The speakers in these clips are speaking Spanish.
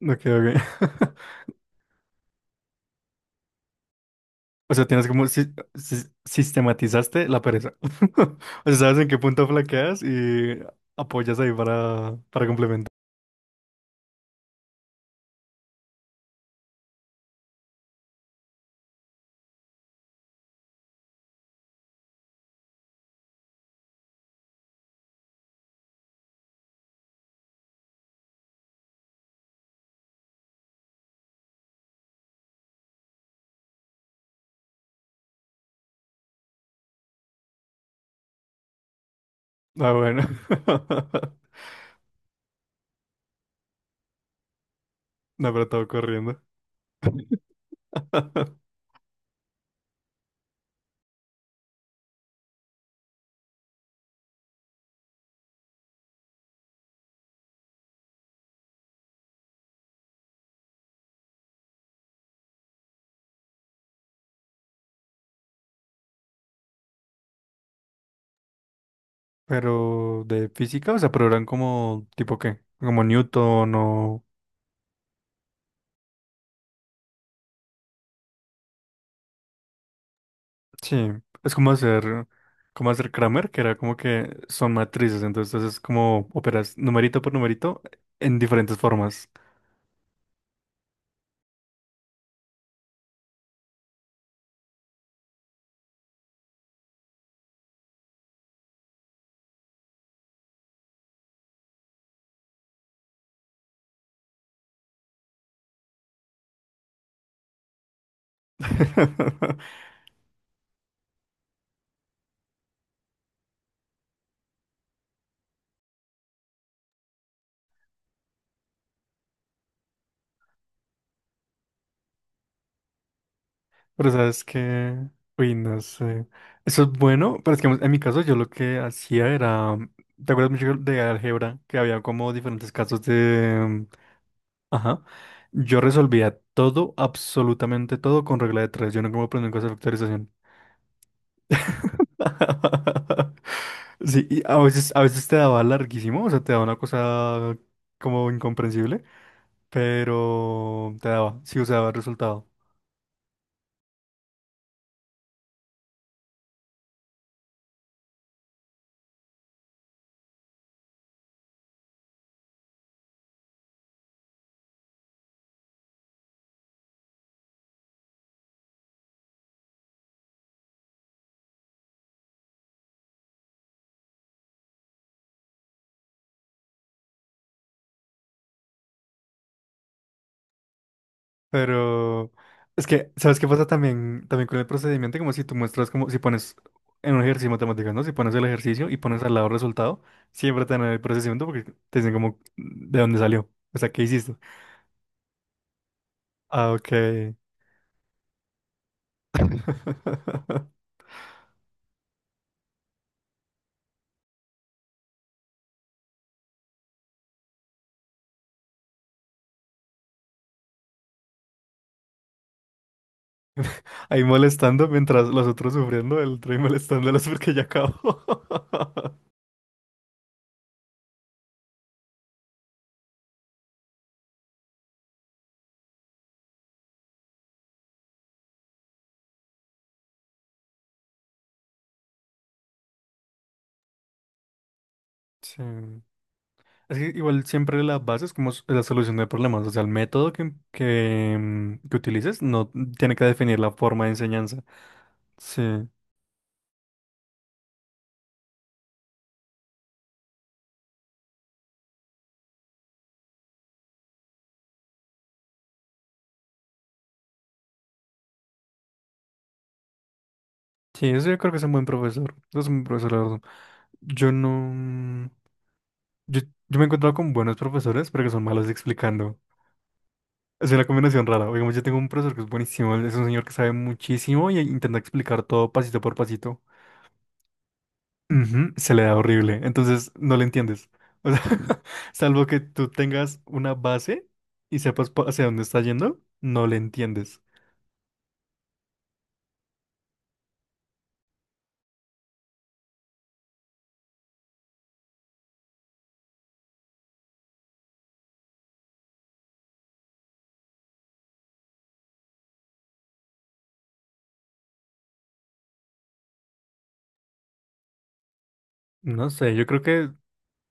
Ok, ok. O sea, tienes como sistematizaste la pereza. O sea, sabes en qué punto flaqueas y apoyas ahí para complementar. Ah, bueno. No, pero todo corriendo. Pero de física, o sea, pero eran como tipo qué, como Newton o sí, es como hacer Kramer, que era como que son matrices, entonces es como operas numerito por numerito en diferentes formas. Pero sabes que, uy, no sé. Eso es bueno, pero es que en mi caso yo lo que hacía era, ¿te acuerdas mucho de álgebra? Que había como diferentes casos de... Ajá. Yo resolvía todo, absolutamente todo con regla de tres. Yo no como aprendí cosas de factorización. Sí, y a veces te daba larguísimo, o sea, te daba una cosa como incomprensible, pero te daba, sí, o sea, daba el resultado. Pero es que, ¿sabes qué pasa también, también con el procedimiento? Como si tú muestras, como si pones en un ejercicio matemático, ¿no? Si pones el ejercicio y pones al lado el resultado, siempre te dan el procedimiento porque te dicen como de dónde salió. O sea, ¿qué hiciste? Ah, ok. Ahí molestando mientras los otros sufriendo, el otro ahí molestándolos porque ya acabó. Sí. Es que igual siempre la base es como la solución de problemas, o sea, el método que utilices no tiene que definir la forma de enseñanza. Sí, sí, eso yo creo que es un buen profesor, es un buen profesor, la verdad. Yo no, yo, yo me he encontrado con buenos profesores, pero que son malos explicando. Es una combinación rara. Digamos, yo tengo un profesor que es buenísimo, es un señor que sabe muchísimo y intenta explicar todo pasito por pasito. Ujú, se le da horrible, entonces no le entiendes. O sea, salvo que tú tengas una base y sepas hacia dónde está yendo, no le entiendes. No sé, yo creo que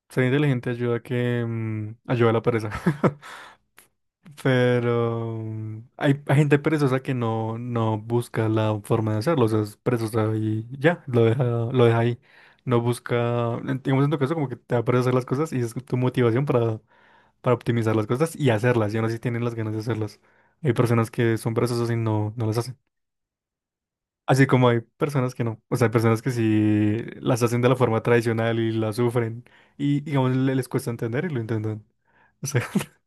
ser inteligente ayuda a que ayuda a la pereza. Pero hay gente perezosa que no, no busca la forma de hacerlo, o sea, es perezosa y ya, lo deja ahí. No busca, digamos en tu caso, como que te da pereza hacer las cosas y es tu motivación para optimizar las cosas y hacerlas. Y aún así tienen las ganas de hacerlas. Hay personas que son perezosas y no, no las hacen. Así como hay personas que no. O sea, hay personas que sí las hacen de la forma tradicional y las sufren. Y digamos, les cuesta entender y lo intentan. O sea,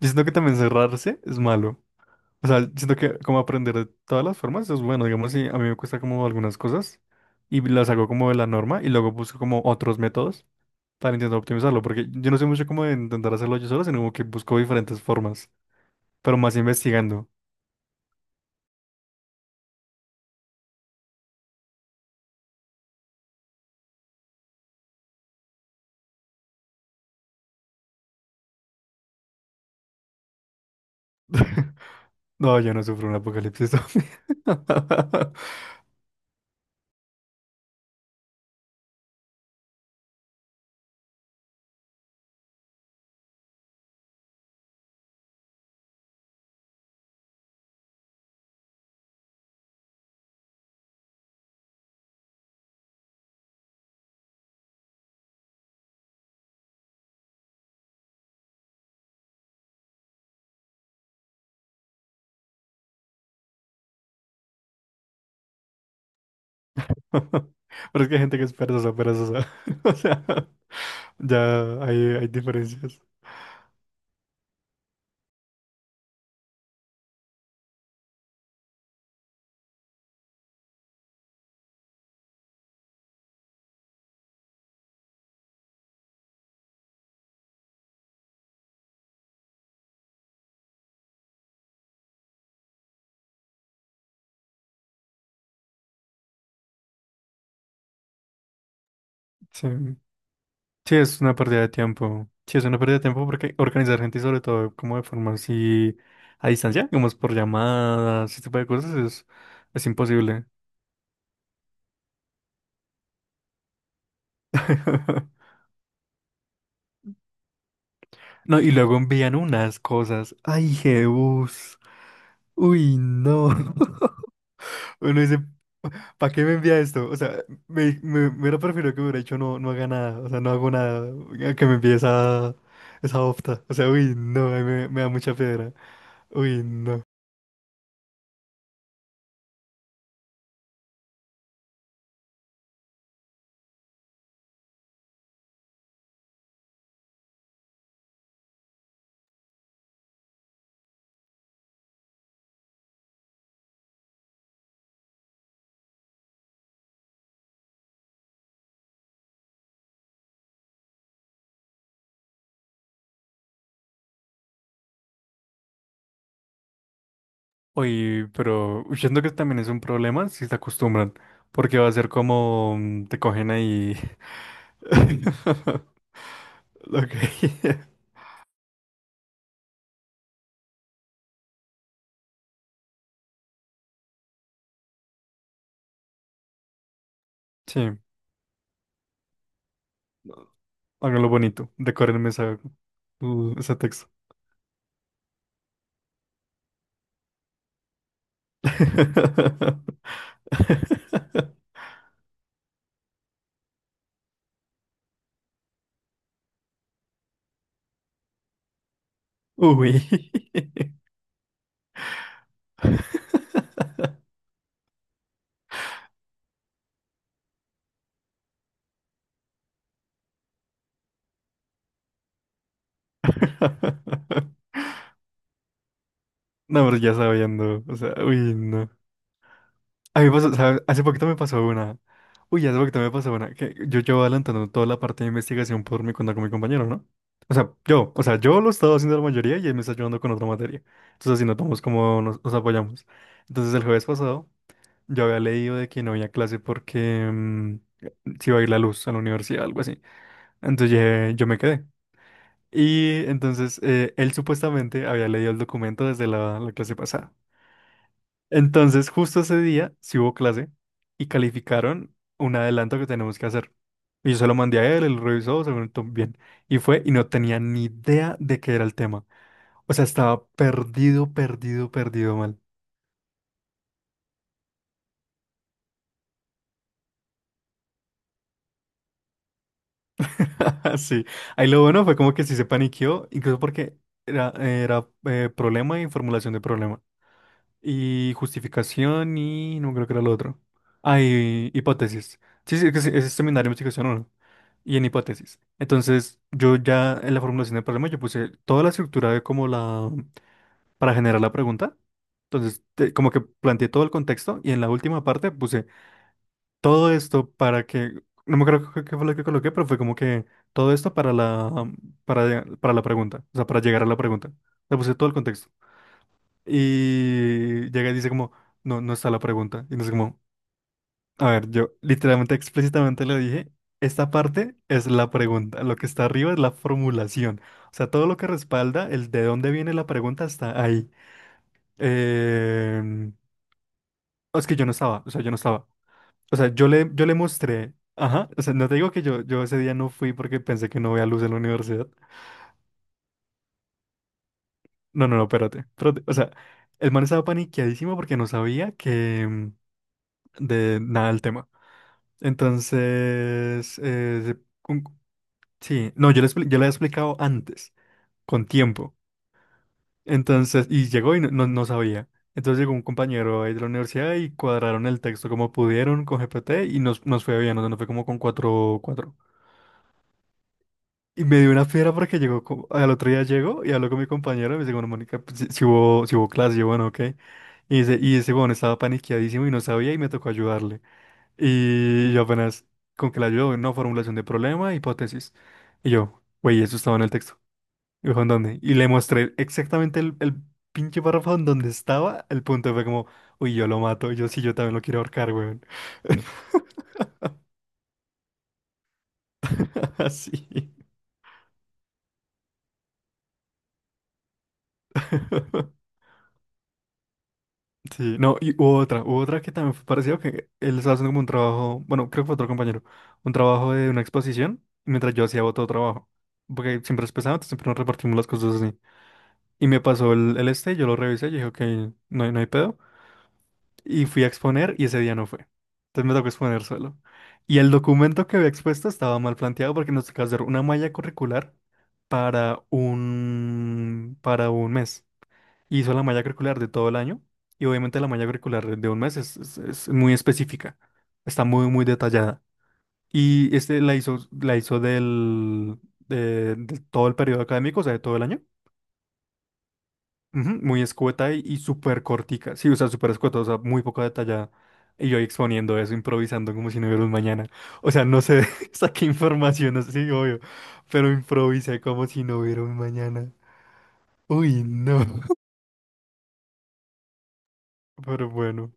yo siento que también cerrarse es malo. O sea, siento que como aprender de todas las formas es bueno. Digamos, si a mí me cuesta como algunas cosas y las hago como de la norma y luego busco como otros métodos para intentar optimizarlo, porque yo no sé mucho cómo de intentar hacerlo yo solo, sino como que busco diferentes formas, pero más investigando. No, yo no sufro un apocalipsis zombie. Pero es que hay gente que es perezosa, perezosa. O sea, ya hay diferencias. Sí. Sí, es una pérdida de tiempo. Sí, es una pérdida de tiempo porque organizar gente y sobre todo como de forma así a distancia, como es por llamadas, ese tipo de cosas, es imposible. No, y luego envían unas cosas. ¡Ay, Jebus! ¡Uy, no! Uno dice, ¿para qué me envía esto? O sea, me hubiera preferido que hubiera hecho no, no haga nada. O sea, no hago nada. A que me envíe esa, esa opta. O sea, uy, no, ahí me da mucha piedra. Uy, no. Uy, pero siento que también es un problema si se acostumbran. Porque va a ser como te cogen ahí. Ok. Sí, háganlo bonito. Decórenme ese texto. Uy. No, pero ya sabiendo. O sea, uy, no. A mí me pasó, ¿sabes? Hace poquito me pasó una. Uy, hace poquito me pasó una. Que yo llevo adelantando toda la parte de investigación por mi cuenta con mi compañero, ¿no? O sea, yo lo he estado haciendo la mayoría y él me está ayudando con otra materia. Entonces, así notamos cómo nos apoyamos. Entonces, el jueves pasado, yo había leído de que no había clase porque se iba a ir la luz a la universidad, algo así. Entonces yo me quedé. Y entonces él supuestamente había leído el documento desde la clase pasada. Entonces justo ese día sí hubo clase y calificaron un adelanto que tenemos que hacer. Y yo se lo mandé a él, él lo revisó, se lo notó bien. Y fue y no tenía ni idea de qué era el tema. O sea, estaba perdido, perdido, perdido mal. Sí, ahí lo bueno fue como que sí se paniqueó, incluso porque era problema y formulación de problema. Y justificación y no creo que era lo otro. Ah, y hipótesis. Sí, sí, que sí, es seminario de investigación uno. Y en hipótesis. Entonces, yo ya en la formulación del problema, yo puse toda la estructura de como la... para generar la pregunta. Entonces, como que planteé todo el contexto y en la última parte puse todo esto para que... No me acuerdo qué fue lo que coloqué, pero fue como que todo esto para la... para la pregunta. O sea, para llegar a la pregunta. Le puse todo el contexto. Y llega y dice como, no, no está la pregunta. Y no sé como, a ver, yo literalmente explícitamente le dije, esta parte es la pregunta, lo que está arriba es la formulación. O sea, todo lo que respalda el de dónde viene la pregunta está ahí. Em, es que yo no estaba, o sea, yo no estaba. O sea, yo le mostré, ajá, o sea, no te digo que yo ese día no fui porque pensé que no veía luz en la universidad. No, no, no, espérate, espérate. O sea, el man estaba paniqueadísimo porque no sabía que de nada el tema. Entonces, un- sí, no, yo le había explicado antes, con tiempo. Entonces, y llegó y no, no, no sabía. Entonces llegó un compañero ahí de la universidad y cuadraron el texto como pudieron con GPT y nos fue bien, o sea, nos fue como con 4 cuatro. Y me dio una fiera porque llegó, al otro día llegó y habló con mi compañero y me dice, bueno, Mónica, pues, si hubo clase, yo, bueno, ok. Y dice, y ese, bueno, estaba paniqueadísimo y no sabía y me tocó ayudarle. Y yo apenas con que la ayudo, no, formulación de problema, hipótesis. Y yo, güey, eso estaba en el texto. Y dijo, ¿en dónde? Y le mostré exactamente el pinche párrafo en donde estaba. El punto y fue como, uy, yo lo mato. Y yo sí, yo también lo quiero ahorcar, güey. Así. Sí, no, y hubo otra que también fue parecido que él estaba haciendo como un trabajo, bueno, creo que fue otro compañero, un trabajo de una exposición, mientras yo hacía otro trabajo. Porque siempre es pesado, entonces siempre nos repartimos las cosas así. Y me pasó el este, yo lo revisé, yo dije, ok, no hay pedo. Y fui a exponer y ese día no fue. Entonces me tocó exponer solo. Y el documento que había expuesto estaba mal planteado porque nos tocaba hacer una malla curricular para un mes. Hizo la malla curricular de todo el año y obviamente la malla curricular de un mes es muy específica, está muy, muy detallada. Y este la hizo de todo el periodo académico, o sea, de todo el año. Ujú, muy escueta y súper cortica. Sí, o sea, súper escueta, o sea, muy poco detallada. Y yo ahí exponiendo eso, improvisando como si no hubiera un mañana. O sea, no sé, saqué información, no sé si obvio, pero improvisé como si no hubiera un mañana. Uy, no. Pero bueno.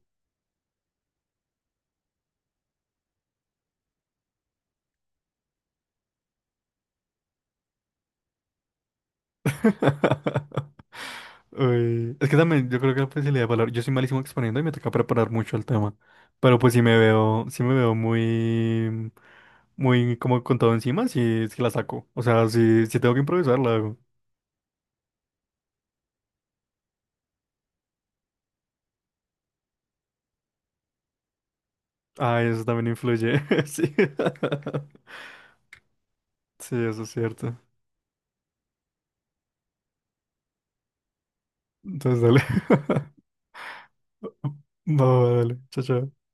Uy, es que también yo creo que la facilidad de palabra. Yo soy malísimo exponiendo y me toca preparar mucho el tema. Pero pues si me veo, si me veo muy, muy como con todo encima, si es que la saco. O sea, si tengo que improvisar, la hago. Ay, eso también influye. Sí. Sí, eso es cierto. Entonces, dale. Va, va, dale. Chao, chao.